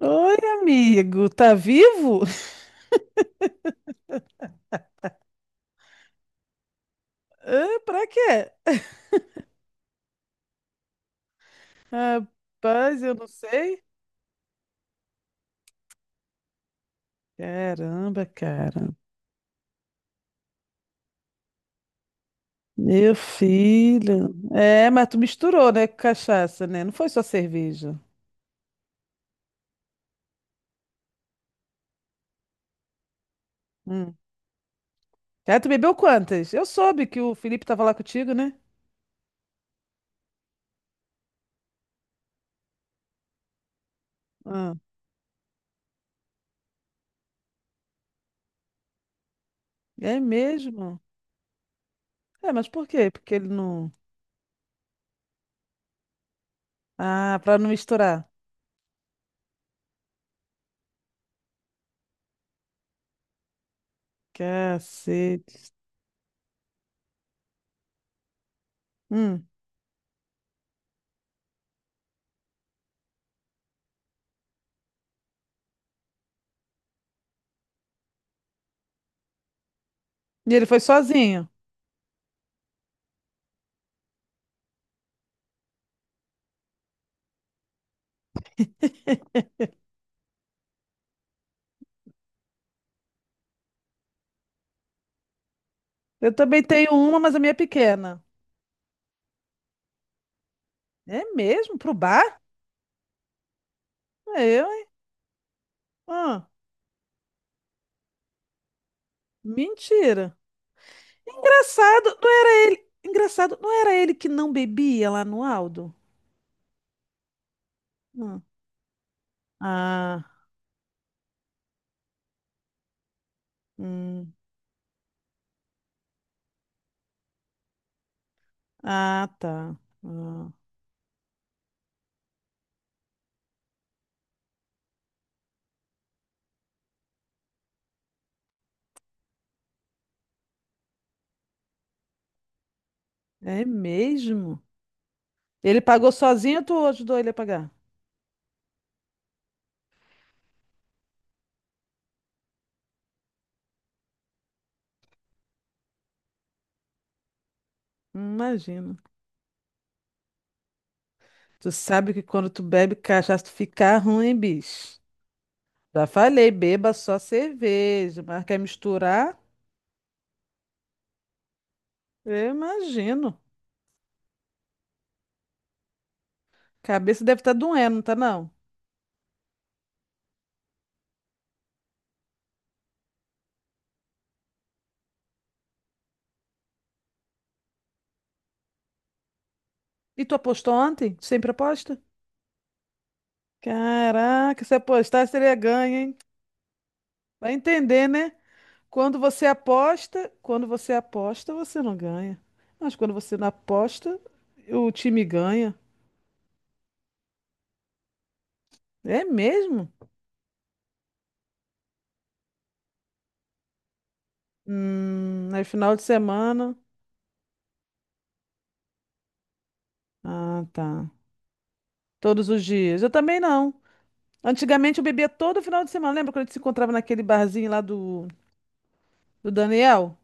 Oi, amigo, tá vivo? Ah, pra quê? Rapaz, eu não sei. Caramba, cara. Meu filho. É, mas tu misturou, né, com cachaça, né? Não foi só cerveja. Hum. Ah, tu bebeu quantas? Eu soube que o Felipe tava lá contigo, né? Ah, é mesmo? É, mas por quê? Porque ele não. Ah, pra não misturar. Cacete. Hum. E ele foi sozinho. Eu também tenho uma, mas a minha é pequena. É mesmo? Pro bar? É eu, hein? Ah, mentira. Engraçado, não era ele. Engraçado, não era ele que não bebia lá no Aldo? Hum. Ah, hum. Ah, tá. Ah, é mesmo? Ele pagou sozinho ou tu ajudou ele a pagar? Imagino. Tu sabe que quando tu bebe cachaça, tu fica ruim, bicho. Já falei, beba só cerveja, mas quer misturar? Eu imagino. Cabeça deve estar doendo, não tá não? E tu apostou ontem? Tu sempre aposta? Caraca, se apostar seria ganho, hein? Vai entender, né? Quando você aposta, você não ganha. Mas quando você não aposta, o time ganha. É mesmo? É final de semana. Ah, tá. Todos os dias. Eu também não. Antigamente eu bebia todo final de semana. Lembra quando a gente se encontrava naquele barzinho lá do, do Daniel?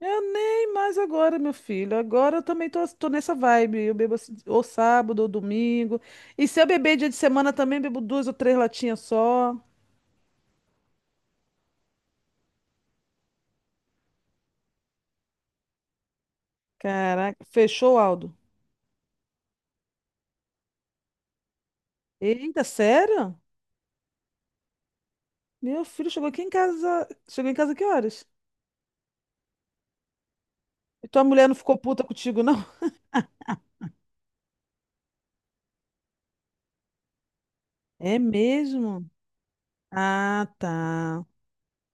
Eu nem mais agora, meu filho. Agora eu também tô, tô nessa vibe. Eu bebo assim, ou sábado ou domingo. E se eu beber dia de semana também, bebo duas ou três latinhas só. Caraca, fechou, Aldo? Eita, sério? Meu filho chegou aqui em casa. Chegou em casa que horas? E tua mulher não ficou puta contigo, não? É mesmo? Ah, tá.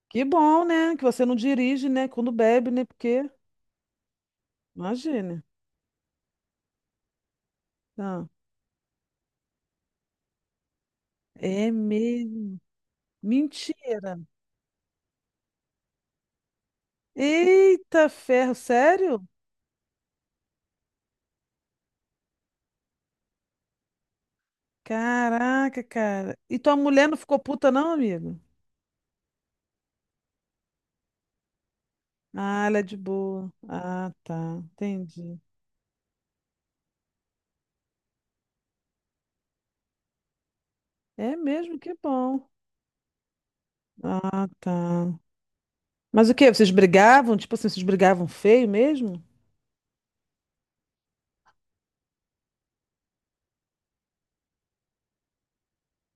Que bom, né? Que você não dirige, né? Quando bebe, né? Porque, imagina. Ah, é mesmo. Mentira. Eita ferro, sério? Caraca, cara. E tua mulher não ficou puta, não, amigo? Ah, ela é de boa. Ah, tá. Entendi. É mesmo, que bom. Ah, tá. Mas o quê? Vocês brigavam? Tipo assim, vocês brigavam feio mesmo?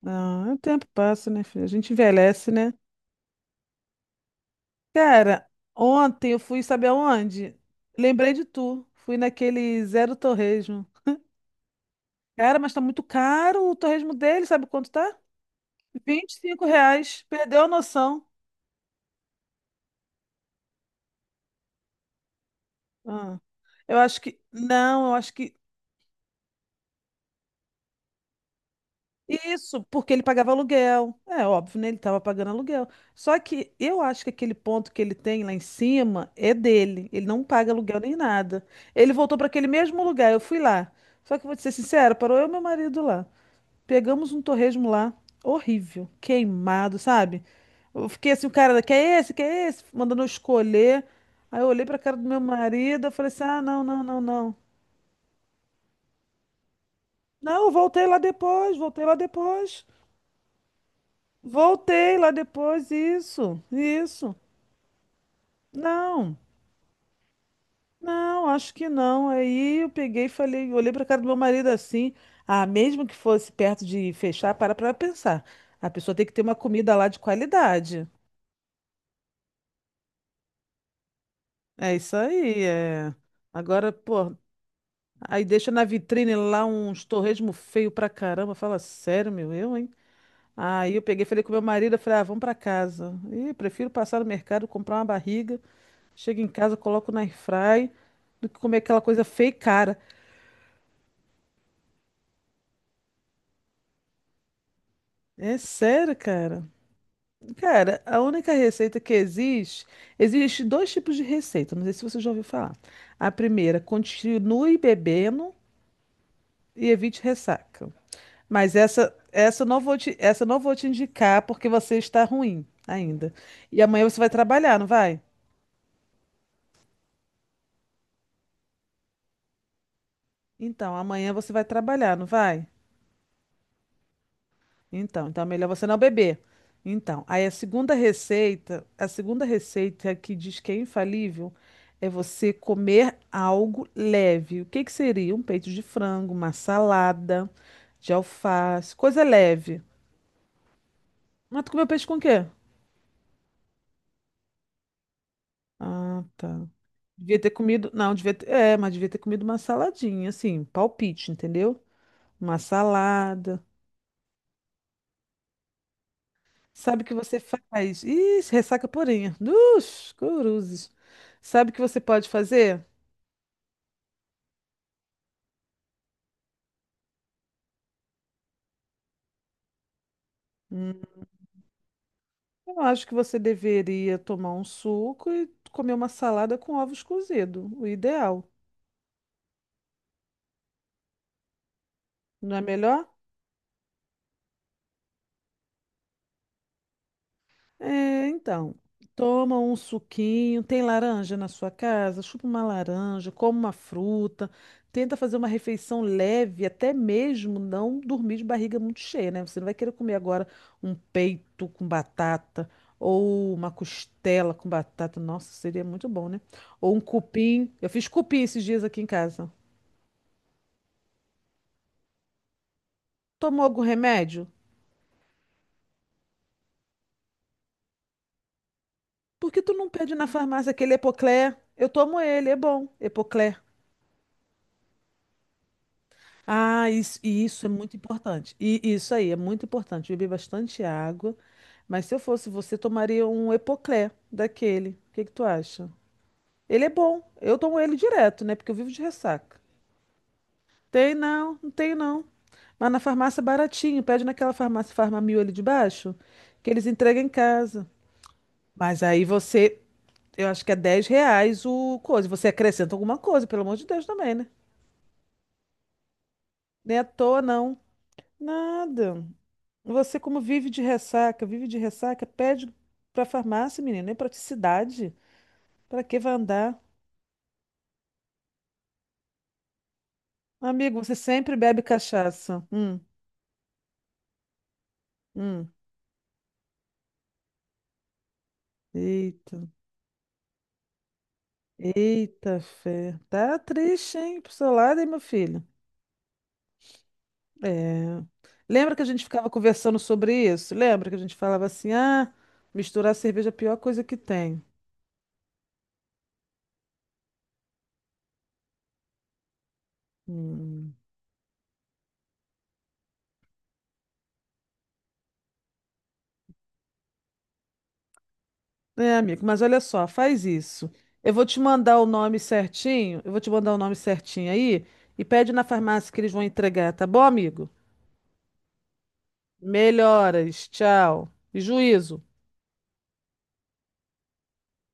Ah, o tempo passa, né, filho? A gente envelhece, né? Cara, ontem eu fui, sabe aonde? Lembrei de tu. Fui naquele Zero Torresmo. Cara, mas tá muito caro o torresmo dele, sabe quanto tá? 25 reais. Perdeu a noção. Ah, eu acho que. Não, eu acho que. Isso, porque ele pagava aluguel. É óbvio, né? Ele estava pagando aluguel. Só que eu acho que aquele ponto que ele tem lá em cima é dele. Ele não paga aluguel nem nada. Ele voltou para aquele mesmo lugar. Eu fui lá. Só que vou te ser sincera, parou eu e meu marido lá. Pegamos um torresmo lá, horrível, queimado, sabe? Eu fiquei assim, o cara, quer esse, quer esse? Mandando eu escolher. Aí eu olhei pra cara do meu marido, eu falei assim, ah, não, não, não, não. Não, eu voltei lá depois, voltei lá depois. Voltei lá depois, isso, isso. Não, não, acho que não. Aí eu peguei e falei, olhei pra cara do meu marido assim, ah, mesmo que fosse perto de fechar, para pra pensar. A pessoa tem que ter uma comida lá de qualidade. É isso aí, é. Agora, pô, aí deixa na vitrine lá uns torresmo feio pra caramba. Fala, sério, meu, eu, hein? Aí eu peguei, falei com meu marido, eu falei, ah, vamos pra casa. Ih, prefiro passar no mercado, comprar uma barriga, chego em casa, coloco na airfry, do que comer aquela coisa feia e cara. É sério, cara. Cara, a única receita que existe, existe dois tipos de receita, não sei se você já ouviu falar. A primeira, continue bebendo e evite ressaca. Mas essa eu não vou te, essa eu não vou te indicar porque você está ruim ainda. E amanhã você vai trabalhar, não vai? Então, amanhã você vai trabalhar, não vai? Então, então é melhor você não beber. Então, aí a segunda receita que diz que é infalível é você comer algo leve. O que que seria? Um peito de frango, uma salada de alface, coisa leve. Mas tu comeu peixe com o quê? Ah, tá. Devia ter comido. Não, devia ter. É, mas devia ter comido uma saladinha, assim, um palpite, entendeu? Uma salada. Sabe o que você faz? Ih, ressaca purinha. Dos curuzes. Sabe o que você pode fazer? Hum, eu acho que você deveria tomar um suco e comer uma salada com ovos cozidos. O ideal. Não é melhor? É, então, toma um suquinho, tem laranja na sua casa, chupa uma laranja, come uma fruta, tenta fazer uma refeição leve, até mesmo não dormir de barriga muito cheia, né? Você não vai querer comer agora um peito com batata ou uma costela com batata. Nossa, seria muito bom, né? Ou um cupim. Eu fiz cupim esses dias aqui em casa. Tomou algum remédio? Por que tu não pede na farmácia aquele Epocler? Eu tomo ele, é bom, Epocler. Ah, isso, e isso é muito importante. E isso aí é muito importante. Beber bastante água. Mas se eu fosse você, tomaria um Epoclé daquele. O que que tu acha? Ele é bom. Eu tomo ele direto, né? Porque eu vivo de ressaca. Tem não, não tem não. Mas na farmácia é baratinho. Pede naquela farmácia Farmamil ali de baixo, que eles entregam em casa. Mas aí você, eu acho que é 10 reais o coisa. Você acrescenta alguma coisa, pelo amor de Deus também, né? Nem à toa, não. Nada. Você, como vive de ressaca, pede pra farmácia, menina. É praticidade. Pra que vai andar? Amigo, você sempre bebe cachaça. Hum. Eita, eita, fé. Tá triste, hein? Pro seu lado, hein, meu filho? É. Lembra que a gente ficava conversando sobre isso? Lembra que a gente falava assim: ah, misturar cerveja é a pior coisa que tem. Hum. É, amigo, mas olha só, faz isso. Eu vou te mandar o nome certinho, eu vou te mandar o nome certinho aí e pede na farmácia que eles vão entregar, tá bom, amigo? Melhoras, tchau. E juízo.